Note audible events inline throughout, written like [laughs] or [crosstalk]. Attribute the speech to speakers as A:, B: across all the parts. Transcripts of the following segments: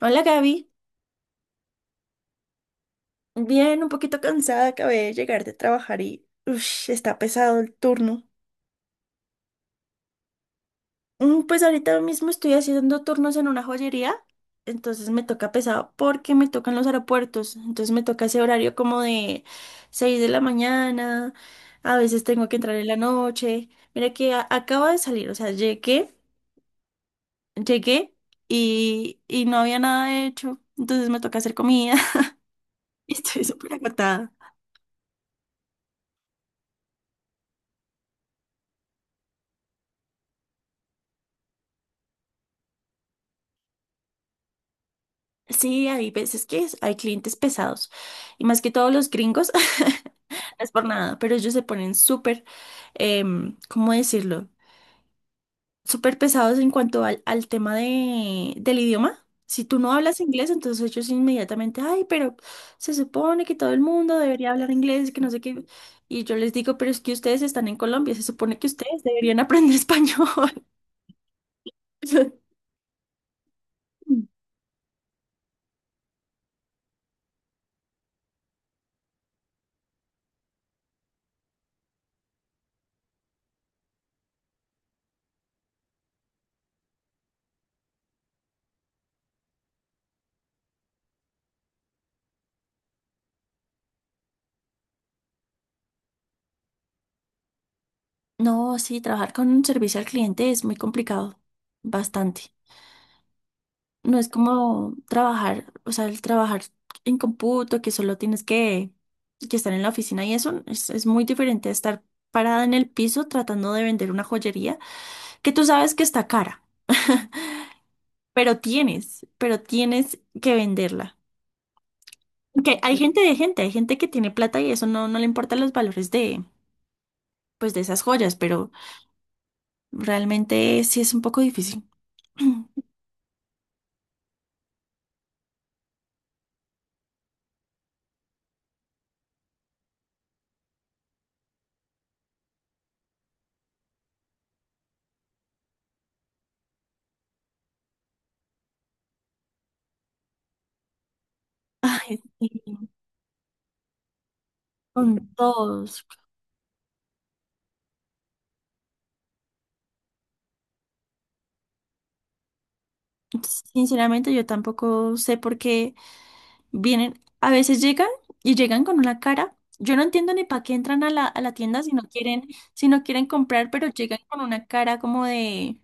A: Hola Gaby, bien, un poquito cansada, acabé de llegar de trabajar y ush, está pesado el turno. Pues ahorita mismo estoy haciendo turnos en una joyería, entonces me toca pesado porque me tocan los aeropuertos, entonces me toca ese horario como de 6 de la mañana, a veces tengo que entrar en la noche. Mira que acabo de salir, o sea, llegué, llegué y, no había nada hecho, entonces me toca hacer comida [laughs] y estoy súper agotada. Sí, hay veces que hay clientes pesados y más que todos los gringos, [laughs] no es por nada, pero ellos se ponen súper, ¿cómo decirlo? Súper pesados en cuanto al tema del idioma. Si tú no hablas inglés, entonces ellos inmediatamente, ay, pero se supone que todo el mundo debería hablar inglés, que no sé qué. Y yo les digo, pero es que ustedes están en Colombia, se supone que ustedes deberían aprender [laughs] español. [laughs] No, sí, trabajar con un servicio al cliente es muy complicado, bastante. No es como trabajar, o sea, el trabajar en computo, que solo tienes que estar en la oficina y eso es muy diferente a estar parada en el piso tratando de vender una joyería que tú sabes que está cara, pero pero tienes que venderla. Que hay gente de gente, hay gente que tiene plata y eso no, no le importan los valores de, pues, de esas joyas, pero realmente sí es un poco difícil. [clears throat] Ay, sí, con todos. Sinceramente, yo tampoco sé por qué. Vienen, a veces llegan y llegan con una cara. Yo no entiendo ni para qué entran a a la tienda si no quieren, si no quieren comprar, pero llegan con una cara como de,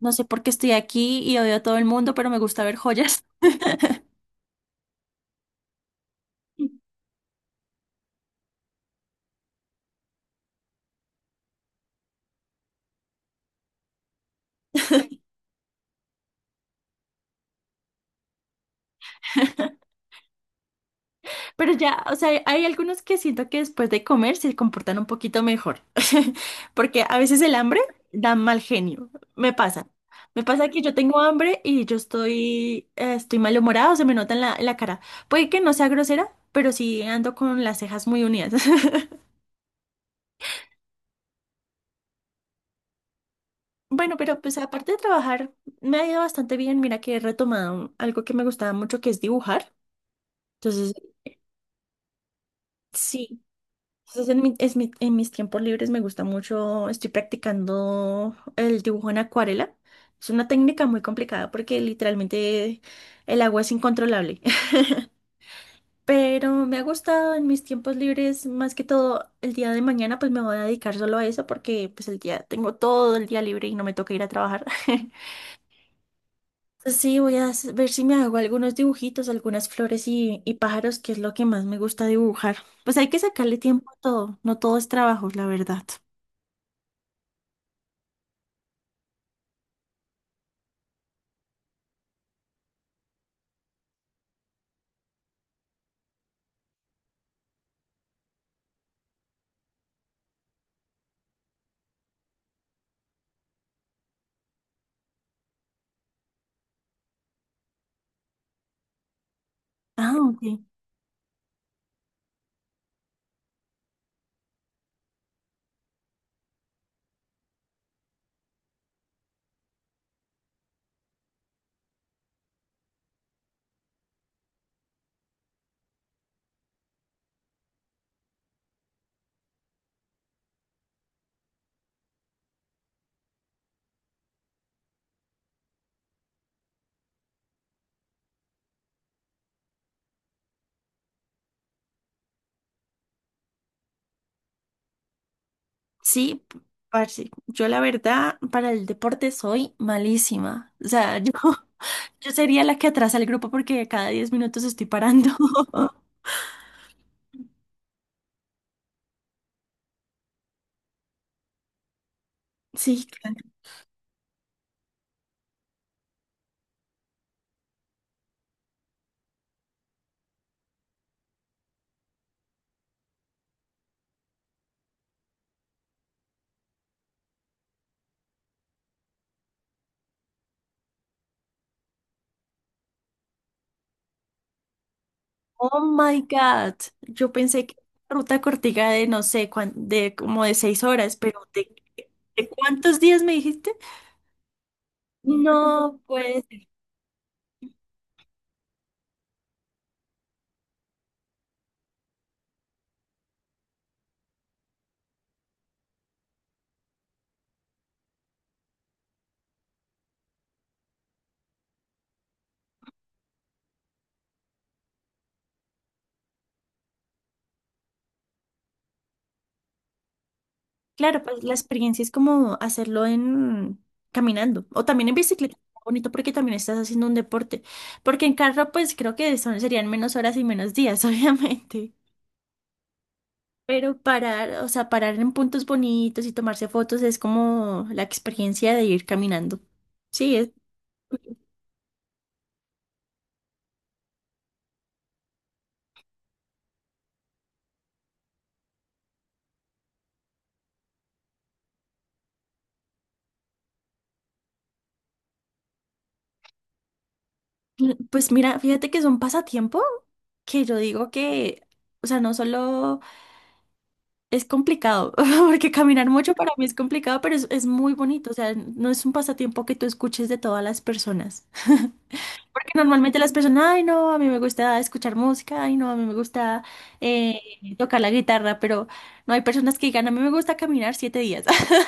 A: no sé por qué estoy aquí y odio a todo el mundo, pero me gusta ver joyas. Pero ya, o sea, hay algunos que siento que después de comer se comportan un poquito mejor, [laughs] porque a veces el hambre da mal genio, me pasa. Me pasa que yo tengo hambre y yo estoy, estoy malhumorada, se me nota en en la cara. Puede que no sea grosera, pero sí ando con las cejas muy unidas. [laughs] Bueno, pero pues aparte de trabajar, me ha ido bastante bien. Mira que he retomado algo que me gustaba mucho, que es dibujar. Entonces, sí. Entonces, en, mi- es mi- en mis tiempos libres me gusta mucho, estoy practicando el dibujo en acuarela. Es una técnica muy complicada porque literalmente el agua es incontrolable. [laughs] Pero me ha gustado en mis tiempos libres, más que todo el día de mañana, pues me voy a dedicar solo a eso porque pues el día tengo todo el día libre y no me toca ir a trabajar. [laughs] Sí, voy a ver si me hago algunos dibujitos, algunas flores y pájaros, que es lo que más me gusta dibujar. Pues hay que sacarle tiempo a todo, no todo es trabajo, la verdad. Ah, ok. Sí, parce, yo la verdad para el deporte soy malísima. O sea, yo, [laughs] yo sería la que atrasa el grupo porque cada 10 minutos estoy parando. [laughs] Sí, claro. Oh my God. Yo pensé que era ruta cortiga de no sé, de como de 6 horas, pero ¿de cuántos días me dijiste? No, pues. Claro, pues la experiencia es como hacerlo en caminando o también en bicicleta. Bonito porque también estás haciendo un deporte. Porque en carro, pues creo que son, serían menos horas y menos días, [laughs] obviamente. Pero parar, o sea, parar en puntos bonitos y tomarse fotos es como la experiencia de ir caminando. Sí, es, pues mira, fíjate que es un pasatiempo que yo digo que, o sea, no solo. Es complicado, [laughs] porque caminar mucho para mí es complicado, pero es muy bonito. O sea, no es un pasatiempo que tú escuches de todas las personas. [laughs] Porque normalmente las personas, ay, no, a mí me gusta escuchar música, ay, no, a mí me gusta eh, tocar la guitarra, pero no hay personas que digan, a mí me gusta caminar 7 días. [laughs]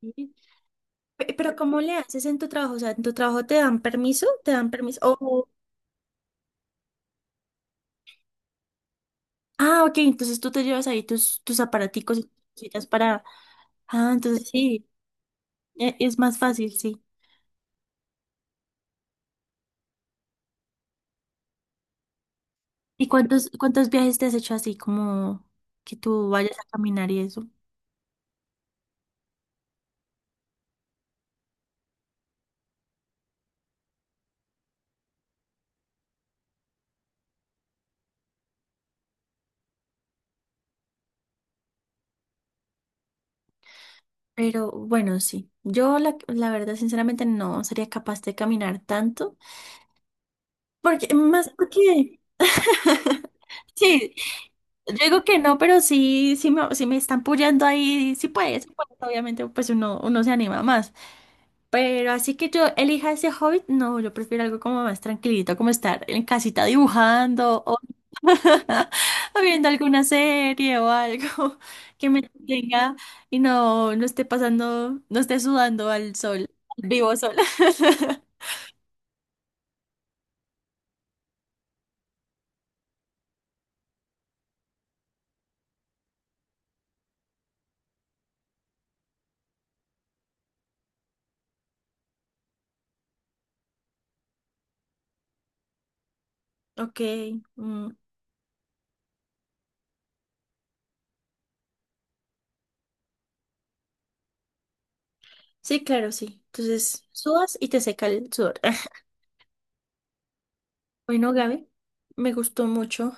A: Sí. Pero ¿cómo le haces en tu trabajo? O sea, ¿en tu trabajo te dan permiso? ¿Te dan permiso? Ah, ok, entonces tú te llevas ahí tus aparaticos y tus cositas para... Ah, entonces sí, es más fácil, sí. ¿Y cuántos viajes te has hecho así como que tú vayas a caminar y eso? Pero bueno, sí. Yo la verdad, sinceramente, no sería capaz de caminar tanto. Porque, más porque, sí, yo digo que no, pero sí, sí me están puyando ahí. Sí puedes, obviamente, pues uno se anima más. Pero así que yo elija ese hobby, no, yo prefiero algo como más tranquilito, como estar en casita dibujando o, [laughs] o viendo alguna serie o algo [laughs] que me tenga y no, no esté pasando, no esté sudando al sol, al vivo sol. [laughs] Ok, mm, sí, claro, sí. Entonces, sudas y te seca el sudor. [laughs] Bueno, Gaby, me gustó mucho.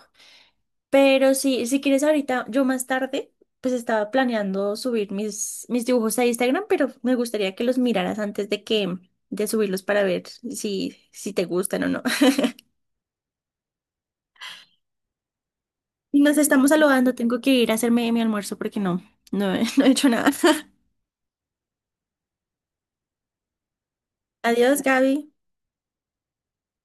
A: Pero sí, si quieres ahorita, yo más tarde, pues estaba planeando subir mis dibujos a Instagram, pero me gustaría que los miraras antes de que, de subirlos para ver si, si te gustan o no. [laughs] Nos estamos saludando, tengo que ir a hacerme mi almuerzo porque no, no, [laughs] no he hecho nada. [laughs] Adiós, Gaby.